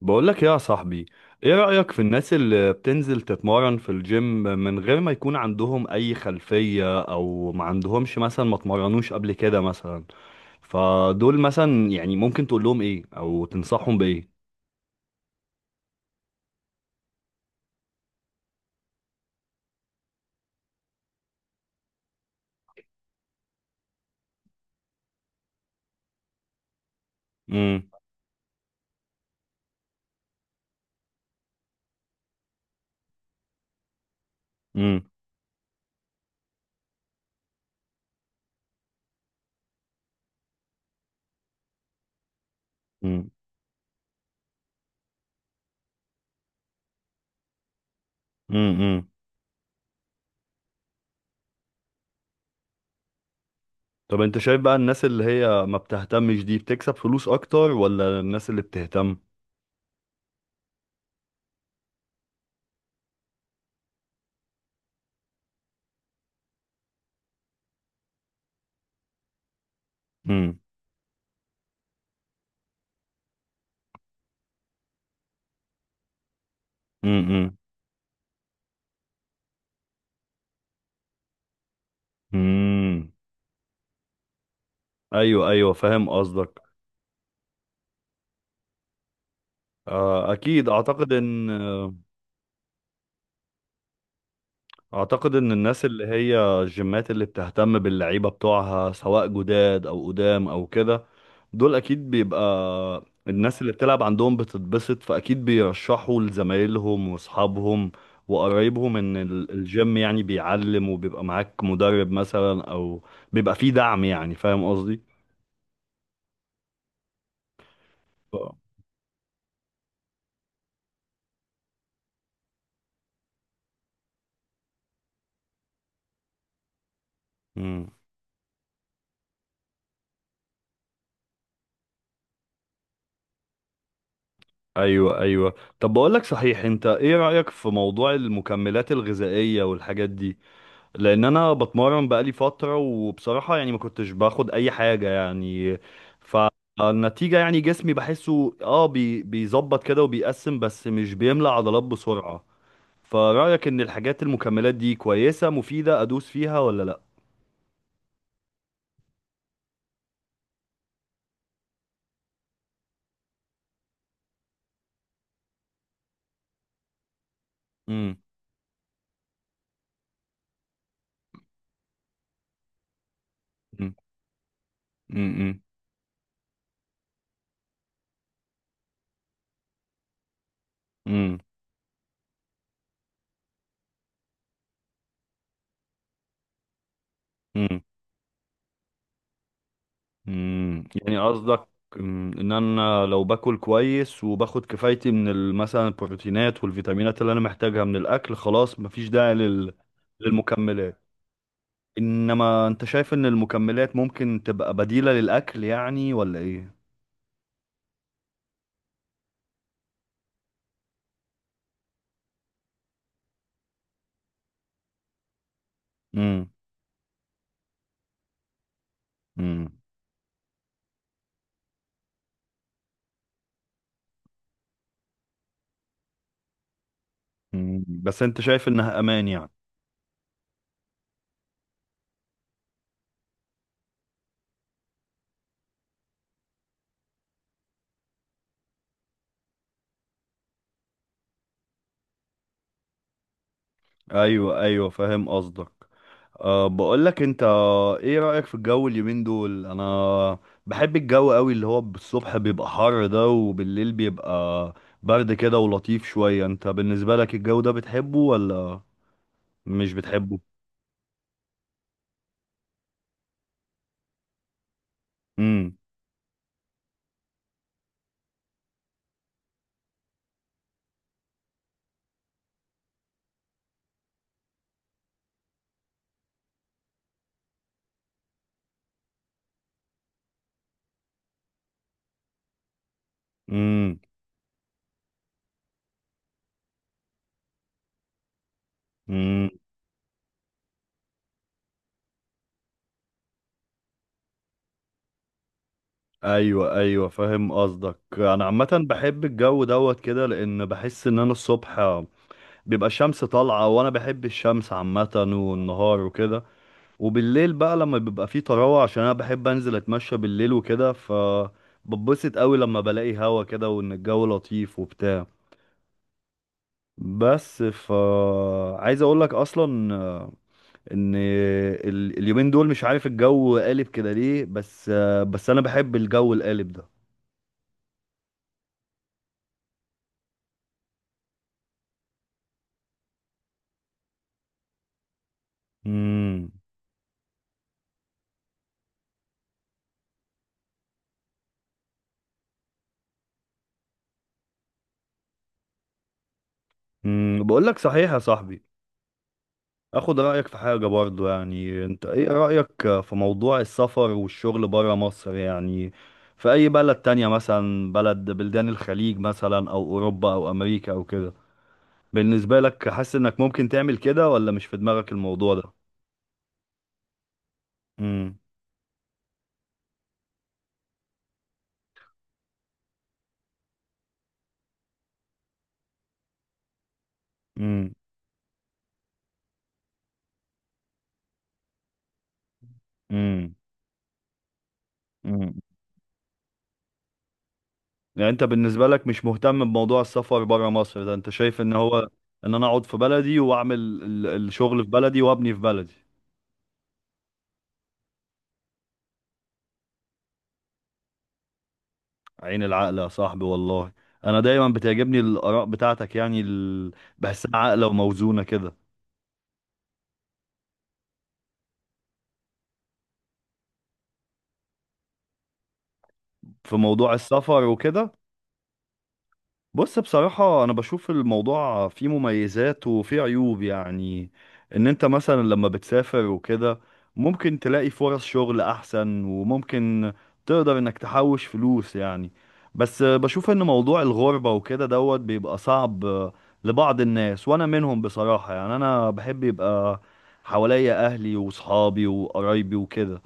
بقولك يا صاحبي، ايه رأيك في الناس اللي بتنزل تتمرن في الجيم من غير ما يكون عندهم اي خلفية او ما عندهمش مثلا ما اتمرنوش قبل كده مثلا؟ فدول مثلا يعني ممكن تقول لهم ايه او تنصحهم بايه؟ امم. امم. امم. امم. طب انت شايف بقى الناس اللي هي ما بتهتمش دي بتكسب فلوس اكتر ولا الناس اللي بتهتم؟ امم. امم. امم. ايوه، ايوه، فاهم قصدك. آه، اكيد، اعتقد ان الناس اللي هي الجيمات اللي بتهتم باللعيبه بتوعها سواء جداد او قدام او كده، دول اكيد بيبقى الناس اللي بتلعب عندهم بتتبسط، فاكيد بيرشحوا لزمايلهم واصحابهم وقرايبهم ان الجيم يعني بيعلم وبيبقى معاك مدرب مثلا او بيبقى فيه دعم يعني، فاهم قصدي؟ ف- مم. ايوه، ايوه. طب بقول لك صحيح، انت ايه رايك في موضوع المكملات الغذائيه والحاجات دي؟ لان انا بتمرن بقالي فتره وبصراحه يعني ما كنتش باخد اي حاجه يعني. فالنتيجه يعني جسمي بحسه، اه بي بيظبط كده وبيقسم بس مش بيملى عضلات بسرعه. فرايك ان الحاجات المكملات دي كويسه مفيده، ادوس فيها ولا لا؟ امم. امم. امم. يعني قصدك، ان انا لو باكل كويس وباخد كفايتي من مثلا البروتينات والفيتامينات اللي انا محتاجها من الاكل، خلاص مفيش داعي للمكملات. انما انت شايف ان المكملات ممكن تبقى بديلة للاكل يعني ولا ايه؟ امم. امم. أمم. بس انت شايف انها امان يعني؟ ايوه، ايوه، فاهم قصدك. بقول لك انت، ايه رأيك في الجو اليومين دول؟ انا بحب الجو قوي، اللي هو بالصبح بيبقى حر ده وبالليل بيبقى برد كده ولطيف شوية. انت بالنسبة لك الجو ده بتحبه ولا مش بتحبه؟ امم. امم. ايوه، ايوه، فاهم قصدك. انا عامه بحب الجو دوت كده، لان بحس ان انا الصبح بيبقى الشمس طالعه، وانا بحب الشمس عامه والنهار وكده. وبالليل بقى لما بيبقى فيه طراوه، عشان انا بحب انزل اتمشى بالليل وكده، ببسط قوي لما بلاقي هوا كده وان الجو لطيف وبتاع. بس عايز اقول لك اصلا، ان اليومين دول مش عارف الجو قالب كده ليه. بس بس انا بحب الجو القالب ده. امم. امم. بقول لك صحيح يا صاحبي، اخد رأيك في حاجة برضو يعني. انت ايه رأيك في موضوع السفر والشغل برا مصر يعني، في اي بلد تانية، مثلا بلدان الخليج مثلا او اوروبا او امريكا او كده؟ بالنسبة لك حاسس انك ممكن تعمل كده ولا مش في دماغك الموضوع ده؟ امم. امم. امم. امم يعني انت بالنسبة لك مش مهتم بموضوع السفر برا مصر ده، انت شايف ان هو ان انا اقعد في بلدي واعمل الشغل في بلدي وابني في بلدي؟ عين العقل يا صاحبي والله. انا دايما بتعجبني الاراء بتاعتك، يعني بحسها عاقله وموزونه كده. في موضوع السفر وكده. بص، بصراحة أنا بشوف الموضوع فيه مميزات وفيه عيوب يعني. إن أنت مثلا لما بتسافر وكده ممكن تلاقي فرص شغل أحسن، وممكن تقدر إنك تحوش فلوس يعني. بس بشوف إن موضوع الغربة وكده دوت بيبقى صعب لبعض الناس، وأنا منهم بصراحة يعني. أنا بحب يبقى حواليا أهلي وصحابي وقرايبي وكده.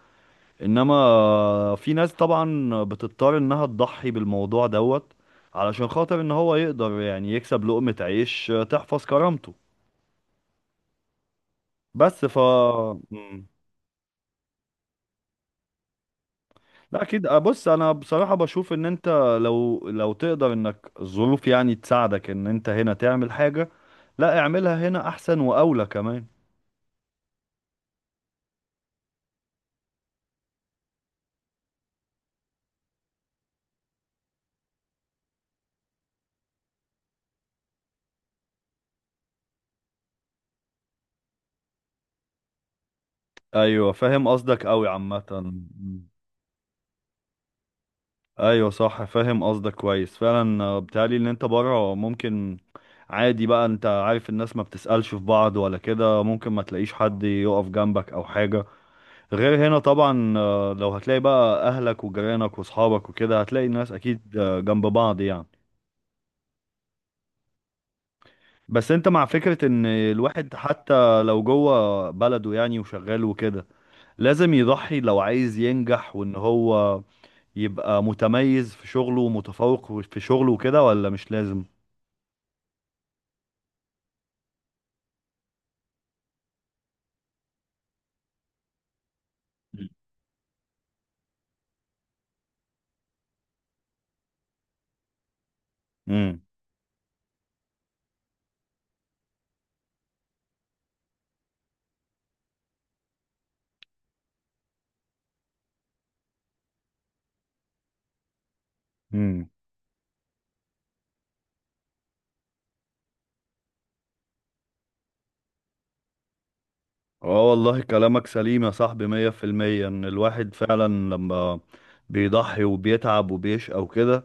انما في ناس طبعا بتضطر انها تضحي بالموضوع دوت، علشان خاطر ان هو يقدر يعني يكسب لقمة عيش تحفظ كرامته. بس مم. لا، اكيد. آه، بص، انا بصراحة بشوف ان انت لو تقدر، انك الظروف يعني تساعدك ان انت هنا تعمل حاجة، لا، اعملها هنا احسن واولى كمان. ايوه، فاهم قصدك قوي عامة. ايوه، صح، فاهم قصدك كويس فعلا. بيتهيألي ان انت بره ممكن عادي بقى، انت عارف الناس ما بتسألش في بعض ولا كده، ممكن ما تلاقيش حد يقف جنبك او حاجة. غير هنا طبعا، لو هتلاقي بقى اهلك وجيرانك واصحابك وكده، هتلاقي الناس اكيد، جنب بعض يعني. بس انت مع فكرة ان الواحد حتى لو جوه بلده يعني وشغال وكده لازم يضحي لو عايز ينجح، وان هو يبقى متميز في شغله ومتفوق في شغله وكده، ولا مش لازم؟ امم. امم. اه، والله كلامك سليم يا صاحبي، 100%. ان الواحد فعلا لما بيضحي وبيتعب وبيشقى وكده،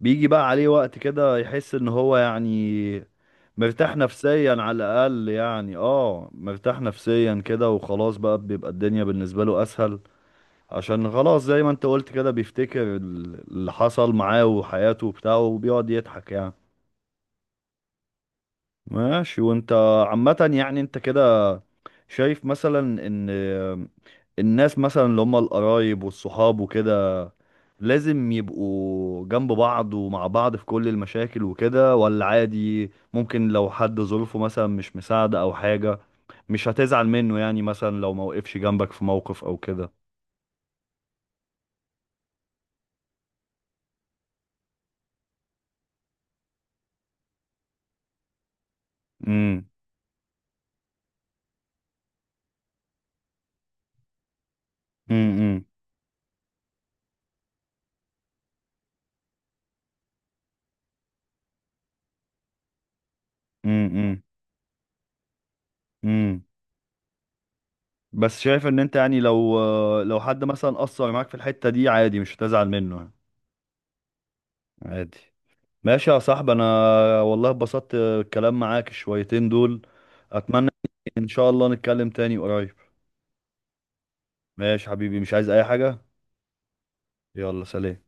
بيجي بقى عليه وقت كده يحس ان هو يعني مرتاح نفسيا على الاقل، يعني مرتاح نفسيا كده وخلاص بقى، بيبقى الدنيا بالنسبة له اسهل. عشان خلاص زي ما انت قلت كده، بيفتكر اللي حصل معاه وحياته وبتاعه وبيقعد يضحك يعني. ماشي. وانت عامة يعني، انت كده شايف مثلا ان الناس مثلا اللي هم القرايب والصحاب وكده لازم يبقوا جنب بعض ومع بعض في كل المشاكل وكده، ولا عادي؟ ممكن لو حد ظروفه مثلا مش مساعدة او حاجة، مش هتزعل منه يعني؟ مثلا لو ما وقفش جنبك في موقف او كده. امم. امم. امم. امم بس شايف ان انت يعني لو حد مثلا قصر معاك في الحتة دي عادي مش هتزعل منه يعني. عادي. ماشي يا صاحبي. انا والله اتبسطت الكلام معاك شويتين دول. اتمنى ان شاء الله نتكلم تاني قريب. ماشي حبيبي، مش عايز اي حاجة. يلا سلام.